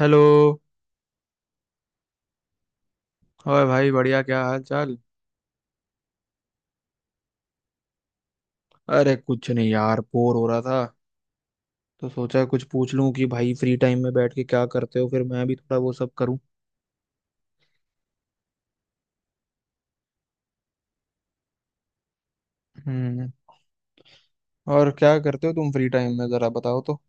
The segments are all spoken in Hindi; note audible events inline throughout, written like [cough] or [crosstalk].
हेलो। और भाई बढ़िया। क्या हाल चाल? अरे कुछ नहीं यार, बोर हो रहा था तो सोचा कुछ पूछ लूं कि भाई फ्री टाइम में बैठ के क्या करते हो, फिर मैं भी थोड़ा वो सब करूं। हम्म। और क्या करते हो तुम फ्री टाइम में, जरा बताओ तो।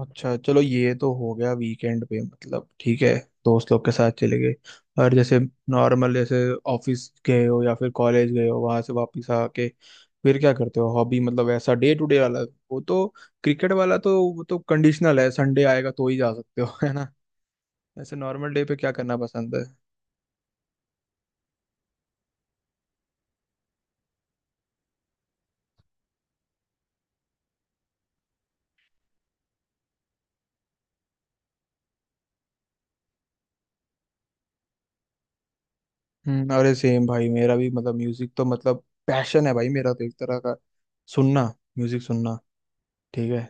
अच्छा, चलो ये तो हो गया वीकेंड पे, मतलब ठीक है। दोस्त लोग के साथ चले गए, और जैसे नॉर्मल, जैसे ऑफिस गए हो या फिर कॉलेज गए हो, वहां से वापस आके फिर क्या करते हो हॉबी, मतलब ऐसा डे टू डे वाला। वो तो क्रिकेट वाला तो वो तो कंडीशनल है, संडे आएगा तो ही जा सकते हो [laughs] है ना? ऐसे नॉर्मल डे पे क्या करना पसंद है? हम्म। अरे सेम भाई, मेरा भी मतलब म्यूजिक तो मतलब पैशन है भाई मेरा, तो एक तरह का सुनना, म्यूजिक सुनना, ठीक है।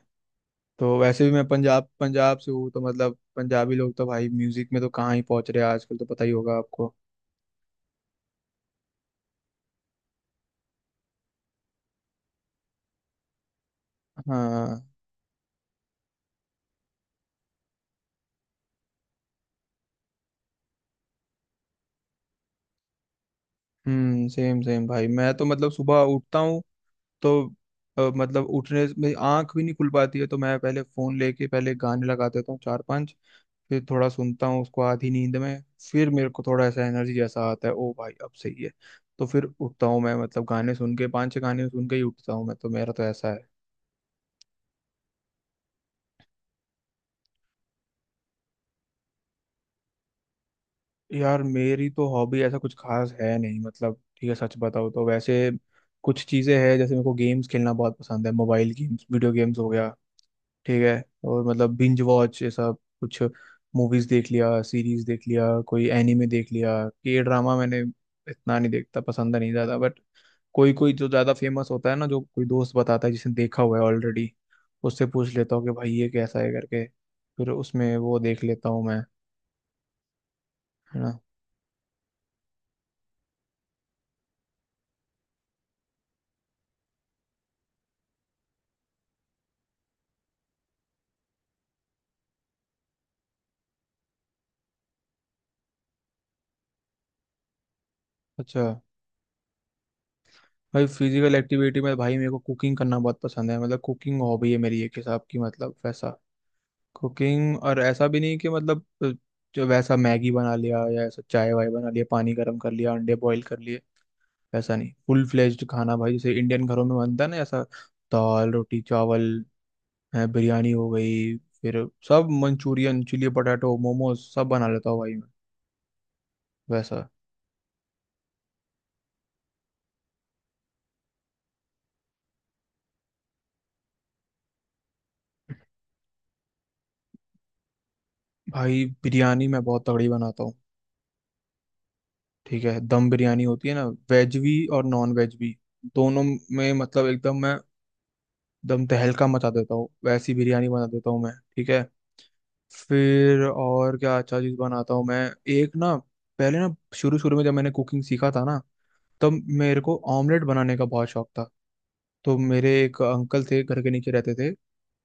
तो वैसे भी मैं पंजाब पंजाब से हूँ तो मतलब पंजाबी लोग तो भाई म्यूजिक में तो कहाँ ही पहुंच रहे हैं आजकल, तो पता ही होगा आपको। हाँ। हम्म, सेम सेम भाई, मैं तो मतलब सुबह उठता हूँ तो मतलब उठने में आंख भी नहीं खुल पाती है, तो मैं पहले फोन लेके पहले गाने लगा देता हूँ चार पांच। फिर थोड़ा सुनता हूँ उसको आधी नींद में, फिर मेरे को थोड़ा ऐसा एनर्जी जैसा आता है, ओ भाई अब सही है। तो फिर उठता हूँ मैं, मतलब गाने सुन के पांच छह गाने सुन के ही उठता हूँ मैं, तो मेरा तो ऐसा है। यार, मेरी तो हॉबी ऐसा कुछ खास है नहीं, मतलब ठीक है, सच बताओ तो वैसे कुछ चीज़ें हैं, जैसे मेरे को गेम्स खेलना बहुत पसंद है, मोबाइल गेम्स वीडियो गेम्स हो गया, ठीक है। और मतलब बिंज वॉच ये सब कुछ, मूवीज देख लिया, सीरीज देख लिया, कोई एनीमे देख लिया, के ड्रामा मैंने इतना नहीं देखता, पसंद नहीं ज़्यादा, बट कोई कोई जो ज़्यादा फेमस होता है ना, जो कोई दोस्त बताता है जिसने देखा हुआ है ऑलरेडी, उससे पूछ लेता हूँ कि भाई ये कैसा है करके, फिर उसमें वो देख लेता हूँ मैं। है ना? अच्छा। भाई फिजिकल एक्टिविटी में भाई मेरे को कुकिंग करना बहुत पसंद है, मतलब कुकिंग हॉबी है मेरी एक हिसाब की, मतलब वैसा कुकिंग, और ऐसा भी नहीं कि मतलब जो वैसा मैगी बना लिया या ऐसा चाय वाय बना लिया, पानी गर्म कर लिया, अंडे बॉईल कर लिए, वैसा नहीं, फुल फ्लेज्ड खाना, भाई जैसे इंडियन घरों में बनता है ना ऐसा, दाल रोटी चावल, है, बिरयानी हो गई, फिर सब मंचूरियन चिली पटाटो मोमोज सब बना लेता हूँ भाई मैं। वैसा भाई बिरयानी मैं बहुत तगड़ी बनाता हूँ, ठीक है, दम बिरयानी होती है ना, वेज भी और नॉन वेज भी, दोनों में मतलब एकदम मैं दम तहलका मचा देता हूँ, वैसी बिरयानी बना देता हूँ मैं, ठीक है। फिर और क्या अच्छा चीज़ बनाता हूँ मैं। एक ना, पहले ना शुरू शुरू में जब मैंने कुकिंग सीखा था ना, तब मेरे को ऑमलेट बनाने का बहुत शौक था। तो मेरे एक अंकल थे, घर के नीचे रहते थे,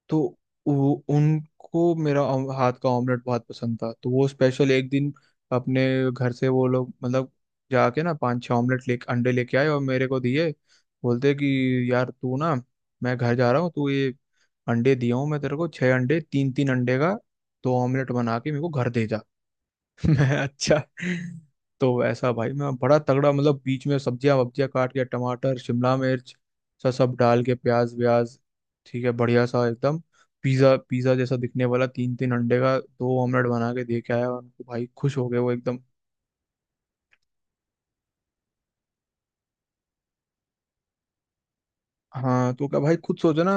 तो वो उनको मेरा हाथ का ऑमलेट बहुत पसंद था। तो वो स्पेशल एक दिन अपने घर से वो लोग मतलब जाके ना पांच छह ऑमलेट ले, अंडे लेके आए और मेरे को दिए, बोलते कि यार तू ना, मैं घर जा रहा हूँ, तू ये अंडे दिया हूँ मैं तेरे को छह अंडे, तीन तीन अंडे का दो ऑमलेट बना के मेरे को घर दे जा। [laughs] अच्छा, तो वैसा भाई मैं बड़ा तगड़ा मतलब बीच में सब्जियां वब्जियां काट के, टमाटर शिमला मिर्च सब सब डाल के, प्याज व्याज, ठीक है, बढ़िया सा एकदम पिज्जा पिज्जा जैसा दिखने वाला, तीन तीन अंडे का दो ऑमलेट बना के दे के आया उनको, भाई खुश हो गए वो एकदम। हाँ तो क्या भाई, खुद सोचो ना,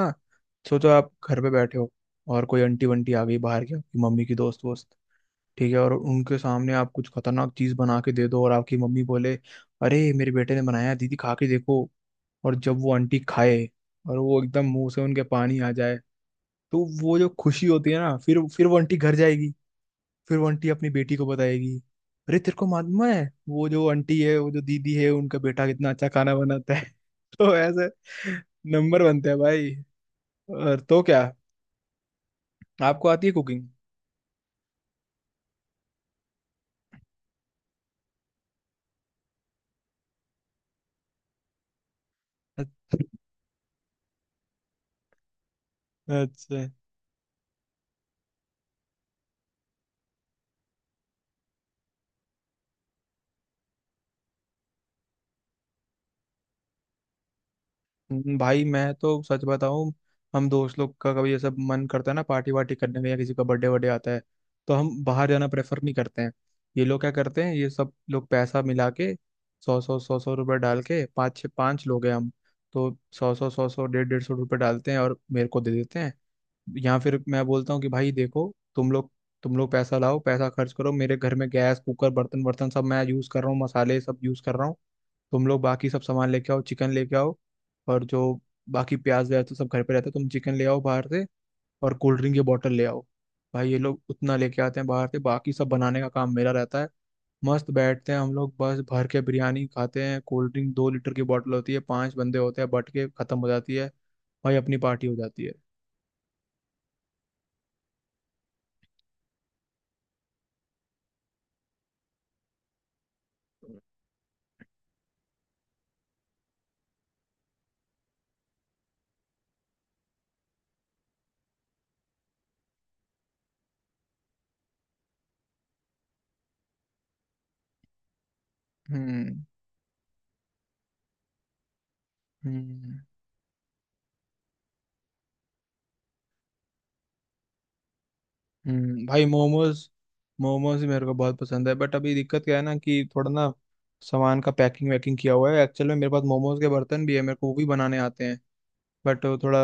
सोचो आप घर पे बैठे हो, और कोई आंटी वंटी आ गई बाहर की, आपकी मम्मी की दोस्त वोस्त, ठीक है, और उनके सामने आप कुछ खतरनाक चीज बना के दे दो और आपकी मम्मी बोले, अरे मेरे बेटे ने बनाया है, दीदी खा के देखो, और जब वो आंटी खाए और वो एकदम मुंह से उनके पानी आ जाए, तो वो जो खुशी होती है ना, फिर वो आंटी घर जाएगी, फिर वो आंटी अपनी बेटी को बताएगी, अरे तेरे को मालूम है, वो जो आंटी है, वो जो दीदी है, उनका बेटा कितना अच्छा खाना बनाता है। [laughs] तो ऐसे नंबर बनते हैं भाई। और तो क्या, आपको आती है कुकिंग? अच्छा। भाई मैं तो सच बताऊं, हम दोस्त लोग का कभी ऐसा मन करता है ना पार्टी वार्टी करने का, या किसी का बर्थडे वर्डे आता है, तो हम बाहर जाना प्रेफर नहीं करते हैं। ये लोग क्या करते हैं, ये सब लोग पैसा मिला के सौ सौ सौ सौ रुपये डाल के, पाँच छः पाँच लोग हैं हम, तो सौ सौ सौ सौ डेढ़ डेढ़ सौ रुपये डालते हैं और मेरे को दे देते हैं, या फिर मैं बोलता हूँ कि भाई देखो तुम लोग पैसा लाओ, पैसा खर्च करो, मेरे घर में गैस कुकर बर्तन वर्तन सब मैं यूज़ कर रहा हूँ, मसाले सब यूज़ कर रहा हूँ, तुम लोग बाकी सब सामान लेके आओ, चिकन लेके आओ, और जो बाकी प्याज व्याज तो सब घर पे रहता है, तुम चिकन ले आओ बाहर से और कोल्ड ड्रिंक की बॉटल ले आओ, भाई ये लोग उतना लेके आते हैं बाहर से, बाकी सब बनाने का काम मेरा रहता है। मस्त बैठते हैं हम लोग, बस भर के बिरयानी खाते हैं, कोल्ड ड्रिंक 2 लीटर की बॉटल होती है, पांच बंदे होते हैं, बट के खत्म हो जाती है, भाई अपनी पार्टी हो जाती है। हम्म। हम्म। हम्म। भाई मोमोज, मोमोज भी मेरे को बहुत पसंद है, बट अभी दिक्कत क्या है ना कि थोड़ा ना सामान का पैकिंग वैकिंग किया हुआ है, एक्चुअल में मेरे पास मोमोज के बर्तन भी है, मेरे को वो भी बनाने आते हैं, बट वो थोड़ा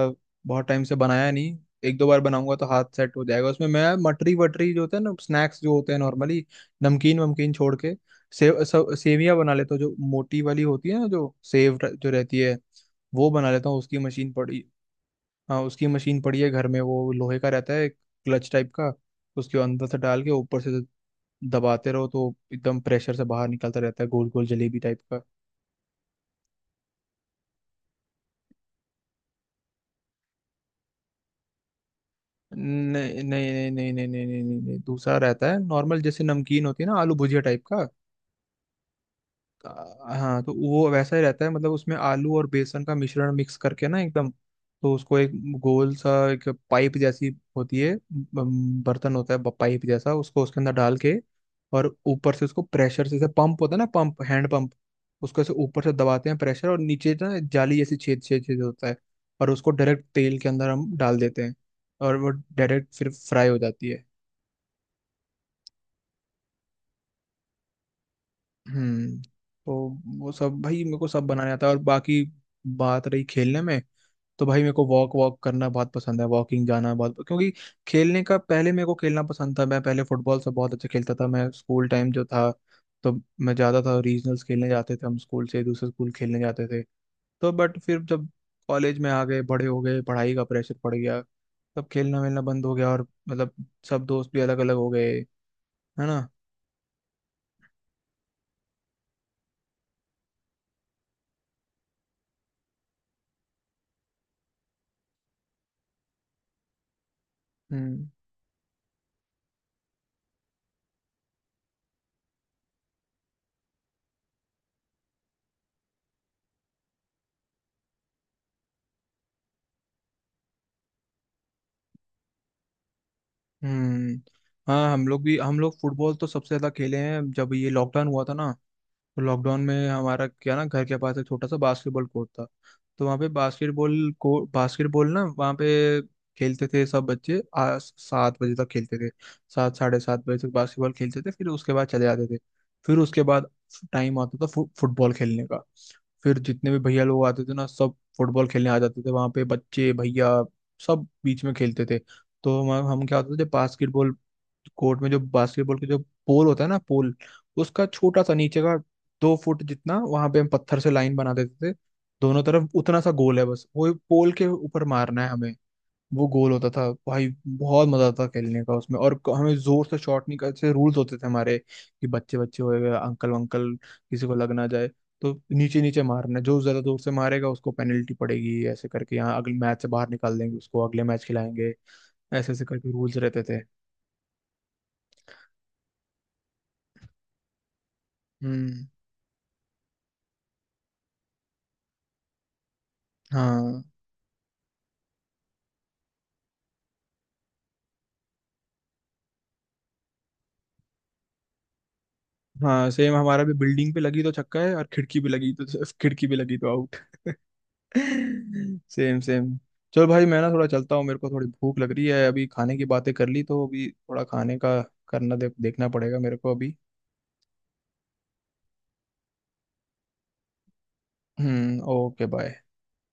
बहुत टाइम से बनाया नहीं, एक दो बार बनाऊंगा तो हाथ सेट हो जाएगा। उसमें मैं मटरी वटरी जो होते हैं ना, स्नैक्स जो होते हैं नॉर्मली नमकीन वमकीन छोड़ के, सेव, सब सेवियां बना लेता हूँ, जो मोटी वाली होती है ना, जो सेव जो रहती है, वो बना लेता हूँ, उसकी मशीन पड़ी। हाँ, उसकी मशीन पड़ी है घर में, वो लोहे का रहता है क्लच टाइप का, उसके अंदर से डाल के ऊपर से दबाते रहो तो एकदम प्रेशर से बाहर निकलता रहता है गोल गोल जलेबी टाइप का। नहीं नहीं नहीं नहीं नहीं नहीं नहीं नहीं नहीं, दूसरा रहता है नॉर्मल, जैसे नमकीन होती है ना आलू भुजिया टाइप का। हाँ, तो वो वैसा ही रहता है, मतलब उसमें आलू और बेसन का मिश्रण मिक्स करके ना एकदम, तो उसको एक गोल सा एक पाइप जैसी होती है, बर्तन होता है पाइप जैसा, उसको उसके अंदर डाल के और ऊपर से उसको प्रेशर से, जैसे पंप होता है ना, पंप हैंड पंप, उसको ऐसे ऊपर से दबाते हैं प्रेशर, और नीचे ना जाली जैसी छेद छेद छेद होता है, और उसको डायरेक्ट तेल के अंदर हम डाल देते हैं, और वो डायरेक्ट फिर फ्राई हो जाती है। हम्म। तो वो सब भाई मेरे को सब बनाने आता है, और बाकी बात रही खेलने में, तो भाई मेरे को वॉक वॉक करना बहुत पसंद है, वॉकिंग जाना बहुत, क्योंकि खेलने का, पहले मेरे को खेलना पसंद था, मैं पहले फुटबॉल से बहुत अच्छा खेलता था मैं, स्कूल टाइम जो था, तो मैं जाता था, रीजनल्स खेलने जाते थे हम, स्कूल से दूसरे स्कूल खेलने जाते थे तो, बट फिर जब कॉलेज में आ गए, बड़े हो गए, पढ़ाई का प्रेशर पड़ गया, तब खेलना वेलना बंद हो गया, और मतलब सब दोस्त भी अलग अलग हो गए, है ना? हम्म। हम्म। हाँ हम लोग भी, हम लोग फुटबॉल तो सबसे ज्यादा खेले हैं जब ये लॉकडाउन हुआ था ना, तो लॉकडाउन में हमारा क्या ना, घर के पास एक छोटा सा बास्केटबॉल कोर्ट था, तो वहाँ पे बास्केटबॉल को बास्केटबॉल ना वहाँ पे खेलते थे सब बच्चे, 7 बजे तक खेलते थे, सात 7:30 बजे तक बास्केटबॉल खेलते थे, फिर उसके बाद चले जाते थे, फिर उसके बाद टाइम आता था फुटबॉल खेलने का, फिर जितने भी भैया लोग आते थे ना, सब फुटबॉल खेलने आ जाते थे वहाँ पे, बच्चे भैया सब बीच में खेलते थे। तो हम क्या होता था, जब बास्केटबॉल कोर्ट में जो बास्केटबॉल के जो पोल होता है ना पोल, उसका छोटा सा नीचे का 2 फुट जितना, वहां पे हम पत्थर से लाइन बना देते थे दोनों तरफ, उतना सा गोल है, बस वो पोल के ऊपर मारना है हमें, वो गोल होता था भाई, बहुत मजा आता था खेलने का उसमें। और हमें जोर से शॉट नहीं करते, रूल्स होते थे हमारे कि बच्चे बच्चे हो गए, अंकल वंकल किसी को लग ना जाए, तो नीचे नीचे मारना है। जो ज्यादा दूर से मारेगा उसको पेनल्टी पड़ेगी, ऐसे करके, यहाँ अगले मैच से बाहर निकाल देंगे उसको, अगले मैच खिलाएंगे, ऐसे ऐसे करके रूल्स रहते थे। हम्म। हाँ हाँ, सेम हमारा भी, बिल्डिंग पे लगी तो छक्का है और खिड़की पे लगी तो आउट। Same same. चलो भाई मैं ना थोड़ा चलता हूँ, मेरे को थोड़ी भूख लग रही है, अभी खाने की बातें कर ली तो अभी थोड़ा खाने का करना देख देखना पड़ेगा मेरे को अभी। हम्म, ओके बाय।